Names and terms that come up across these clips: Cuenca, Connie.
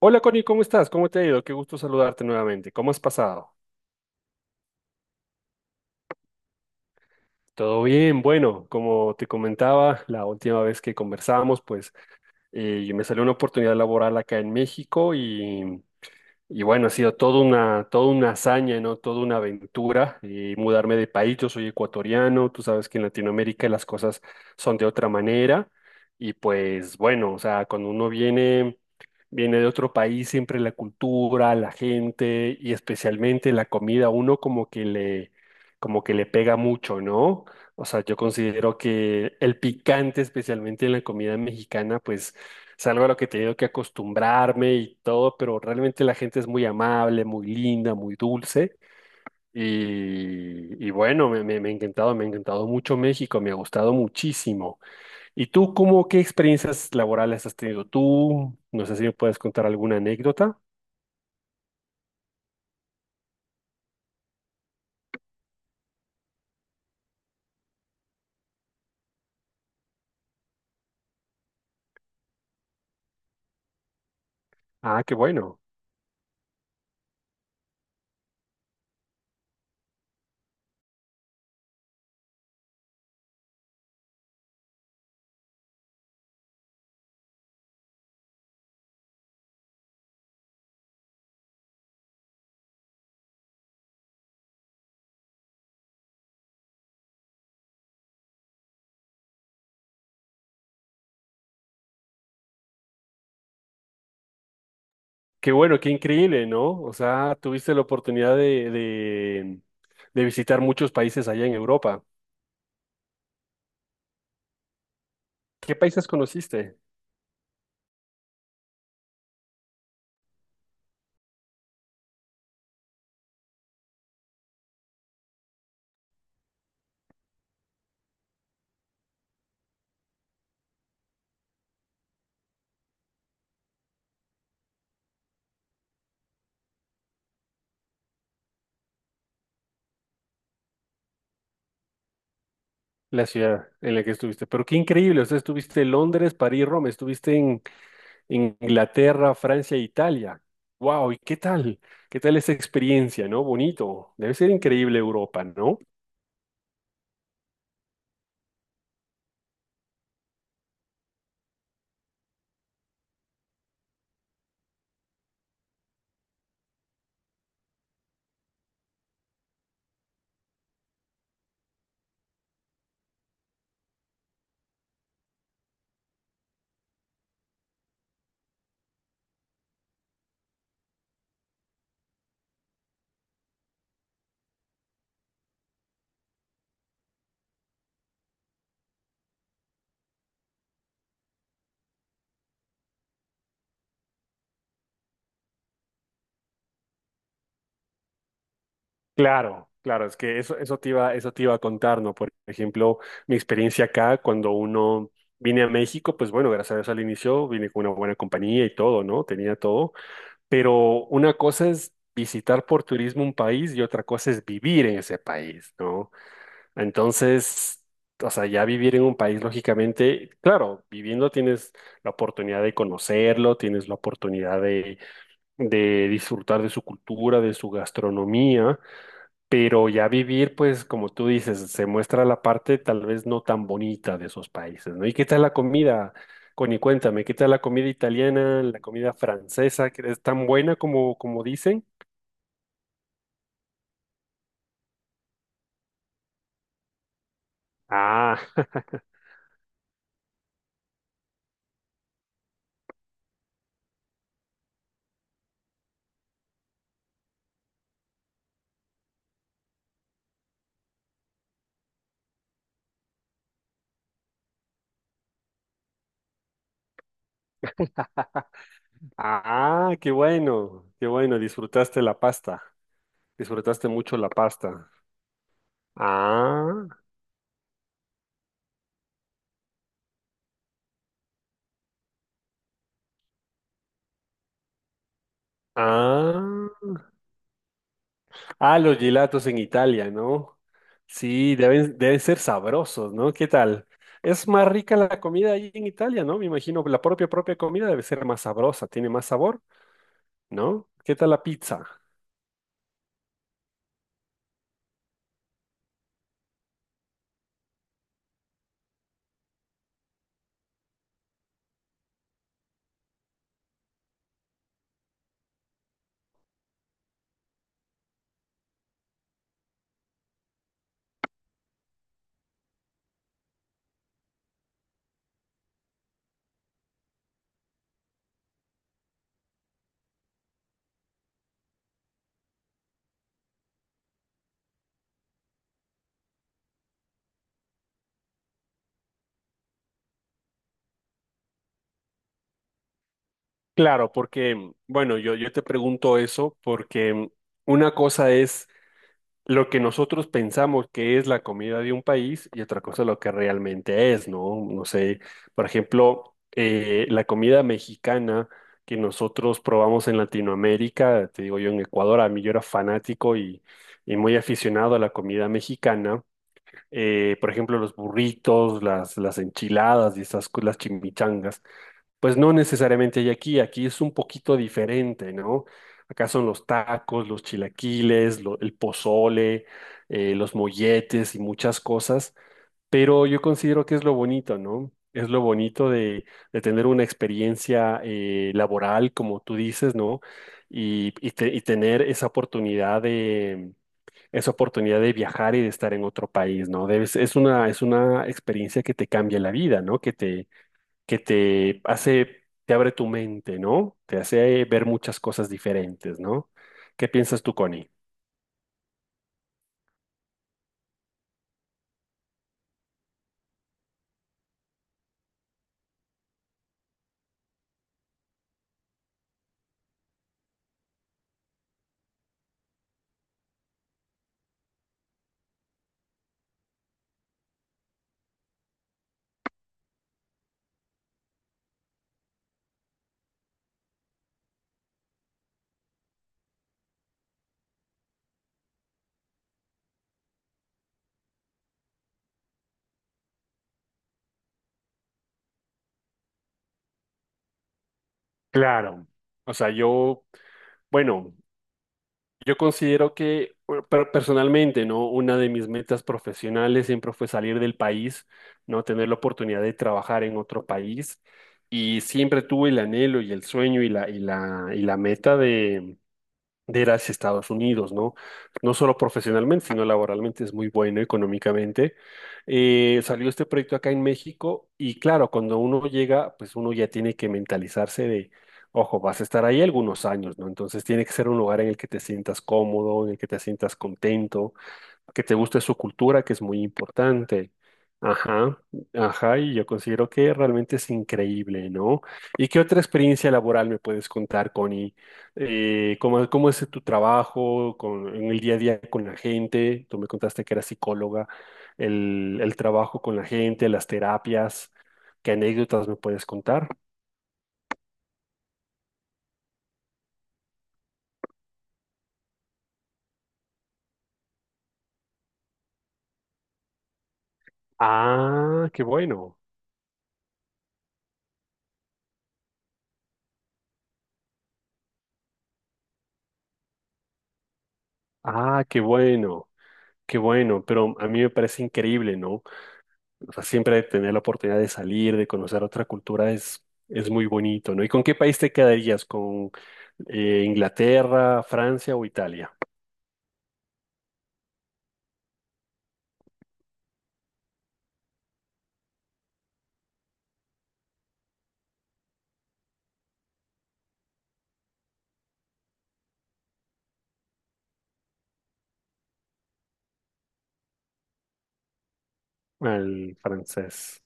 Hola Connie, ¿cómo estás? ¿Cómo te ha ido? Qué gusto saludarte nuevamente. ¿Cómo has pasado? Todo bien, bueno, como te comentaba la última vez que conversamos, pues me salió una oportunidad laboral acá en México y bueno, ha sido toda una hazaña, ¿no? Toda una aventura y mudarme de país. Yo soy ecuatoriano, tú sabes que en Latinoamérica las cosas son de otra manera. Y pues bueno, o sea, cuando uno viene, viene de otro país, siempre la cultura, la gente y especialmente la comida, uno como que le pega mucho, ¿no? O sea, yo considero que el picante, especialmente en la comida mexicana, pues es algo a lo que he tenido que acostumbrarme y todo, pero realmente la gente es muy amable, muy linda, muy dulce. Y bueno, me ha encantado, me ha encantado mucho México, me ha gustado muchísimo. ¿Y tú, qué experiencias laborales has tenido tú? No sé si me puedes contar alguna anécdota. Ah, qué increíble, ¿no? O sea, tuviste la de visitar muchos países allá en Europa. ¿Qué países conociste? La ciudad en la que estuviste. Pero qué increíble, o sea, estuviste en Londres, París, Roma, en Inglaterra, Francia, e Italia. Wow, ¿y qué tal? ¿Qué tal esa experiencia, no? Bonito. Debe ser increíble Europa, ¿no? Claro, es que eso te iba a contar, ¿no? Por ejemplo, mi experiencia acá, cuando uno vine a México, pues bueno, gracias a Dios al inicio vine con una buena compañía y todo, ¿no? Tenía todo. Pero una cosa es visitar por turismo un país y otra cosa es vivir en ese país, ¿no? Entonces, o sea, ya vivir en un país, lógicamente, claro, viviendo tienes la oportunidad de conocerlo, tienes la de disfrutar de su cultura, de su gastronomía, pero ya vivir, pues, como tú dices, se muestra la parte tal vez no tan bonita de esos países, ¿no? ¿Y qué tal la comida? Connie, cuéntame, ¿qué tal la comida italiana, la comida francesa, que es tan buena como dicen? Ah. Ah, qué bueno, disfrutaste la pasta, disfrutaste mucho la pasta. Ah, ah, ah, los gelatos en Italia, ¿no? Sí, deben ser sabrosos, ¿no? ¿Qué tal? Es más rica la comida ahí en Italia, ¿no? Me imagino la propia comida debe ser más sabrosa, tiene más sabor, ¿no? ¿Qué tal la pizza? Claro, porque, bueno, yo te pregunto eso porque una cosa es lo que nosotros pensamos que es la comida de un país y otra cosa lo que realmente es, ¿no? No sé, por ejemplo, la comida mexicana que nosotros probamos en Latinoamérica, te digo yo en Ecuador, a mí yo era fanático y muy aficionado a la comida mexicana, por ejemplo, los burritos, las enchiladas y esas, las chimichangas. Pues no necesariamente hay aquí, aquí es un poquito diferente, ¿no? Acá son los tacos, los chilaquiles, el pozole, los molletes y muchas cosas, pero yo considero que es lo bonito, ¿no? Es lo bonito de tener una experiencia laboral, como tú dices, ¿no? Y tener esa esa oportunidad de viajar y de estar en otro país, ¿no? Es una experiencia que te cambia la vida, ¿no? Que te hace, te abre tu mente, ¿no? Te hace ver muchas cosas diferentes, ¿no? ¿Qué piensas tú, Connie? Claro. O sea, yo, bueno, yo considero que bueno, personalmente, ¿no? Una de mis metas profesionales siempre fue salir del país, ¿no? Tener la oportunidad de trabajar en otro país y siempre tuve el anhelo y el sueño y la meta de ir hacia Estados Unidos, ¿no? No solo profesionalmente, sino laboralmente es muy bueno económicamente. Salió este proyecto acá en México y claro, cuando uno llega, pues uno ya tiene que mentalizarse de, ojo, vas a estar ahí algunos años, ¿no? Entonces tiene que ser un lugar en el que te sientas cómodo, en el que te sientas contento que te guste su cultura, que es muy importante. Ajá, ajá, y yo considero que realmente es increíble, ¿no? ¿Y qué otra experiencia laboral me puedes contar, Connie? ¿Cómo, cómo es tu trabajo en el día a día con la gente? Tú me contaste que eras psicóloga, el trabajo con la gente, las terapias, ¿qué anécdotas me puedes contar? Ah, qué bueno, ah, qué bueno, pero a mí me parece increíble, ¿no? O sea, siempre tener la oportunidad de salir, de conocer otra cultura es muy bonito, ¿no? ¿Y con qué país te quedarías? ¿Con Inglaterra, Francia o Italia? Al francés.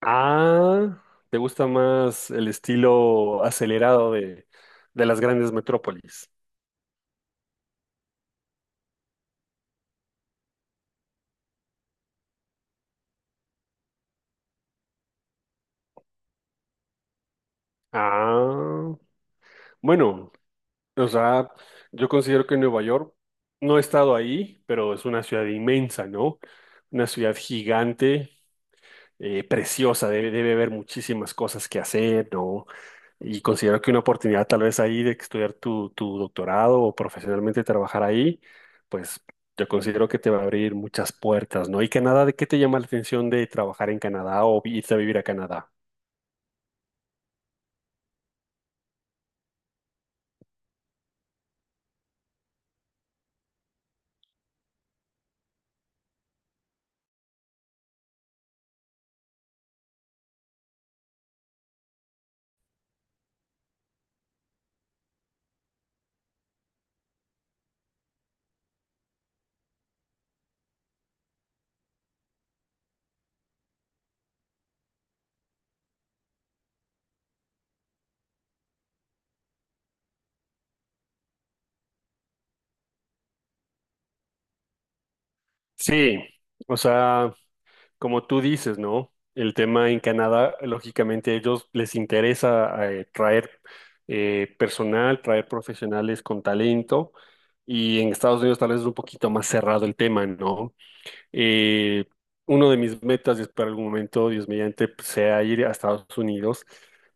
Ah, ¿te gusta más el estilo acelerado de las grandes metrópolis? Ah, bueno, o sea, yo considero que Nueva York, no he estado ahí, pero es una ciudad inmensa, ¿no? Una ciudad gigante preciosa, debe haber muchísimas cosas que hacer, ¿no? Y considero que una oportunidad tal vez ahí de estudiar tu doctorado o profesionalmente trabajar ahí, pues yo considero que te va a abrir muchas puertas, ¿no? Y Canadá, ¿de qué te llama la atención de trabajar en Canadá o irte a vivir a Canadá? Sí, o sea... Como tú dices, ¿no? El tema en Canadá, lógicamente, a ellos les interesa traer personal, traer profesionales con talento, y en Estados Unidos tal vez es un poquito más cerrado el tema, ¿no? Eh, uno de mis metas es para algún momento, Dios mediante, pues, sea ir a Estados Unidos.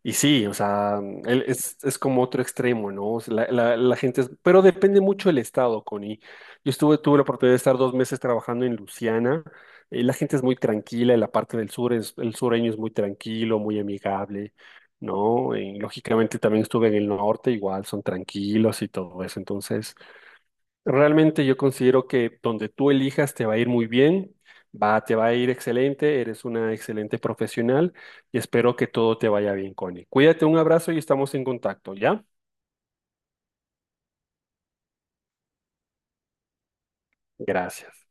Y sí, o sea, él es como otro extremo, ¿no? O sea, la gente pero depende mucho del estado, Connie. Tuve la oportunidad de estar 2 meses trabajando en Luciana. La gente es muy tranquila, en la parte del sur, es, el sureño es muy tranquilo, muy amigable, ¿no? Y, lógicamente también estuve en el norte, igual son tranquilos y todo eso. Entonces, realmente yo considero que donde tú elijas te va a ir muy bien, te va a ir excelente, eres una excelente profesional y espero que todo te vaya bien, Connie. Cuídate, un abrazo y estamos en contacto, ¿ya? Gracias.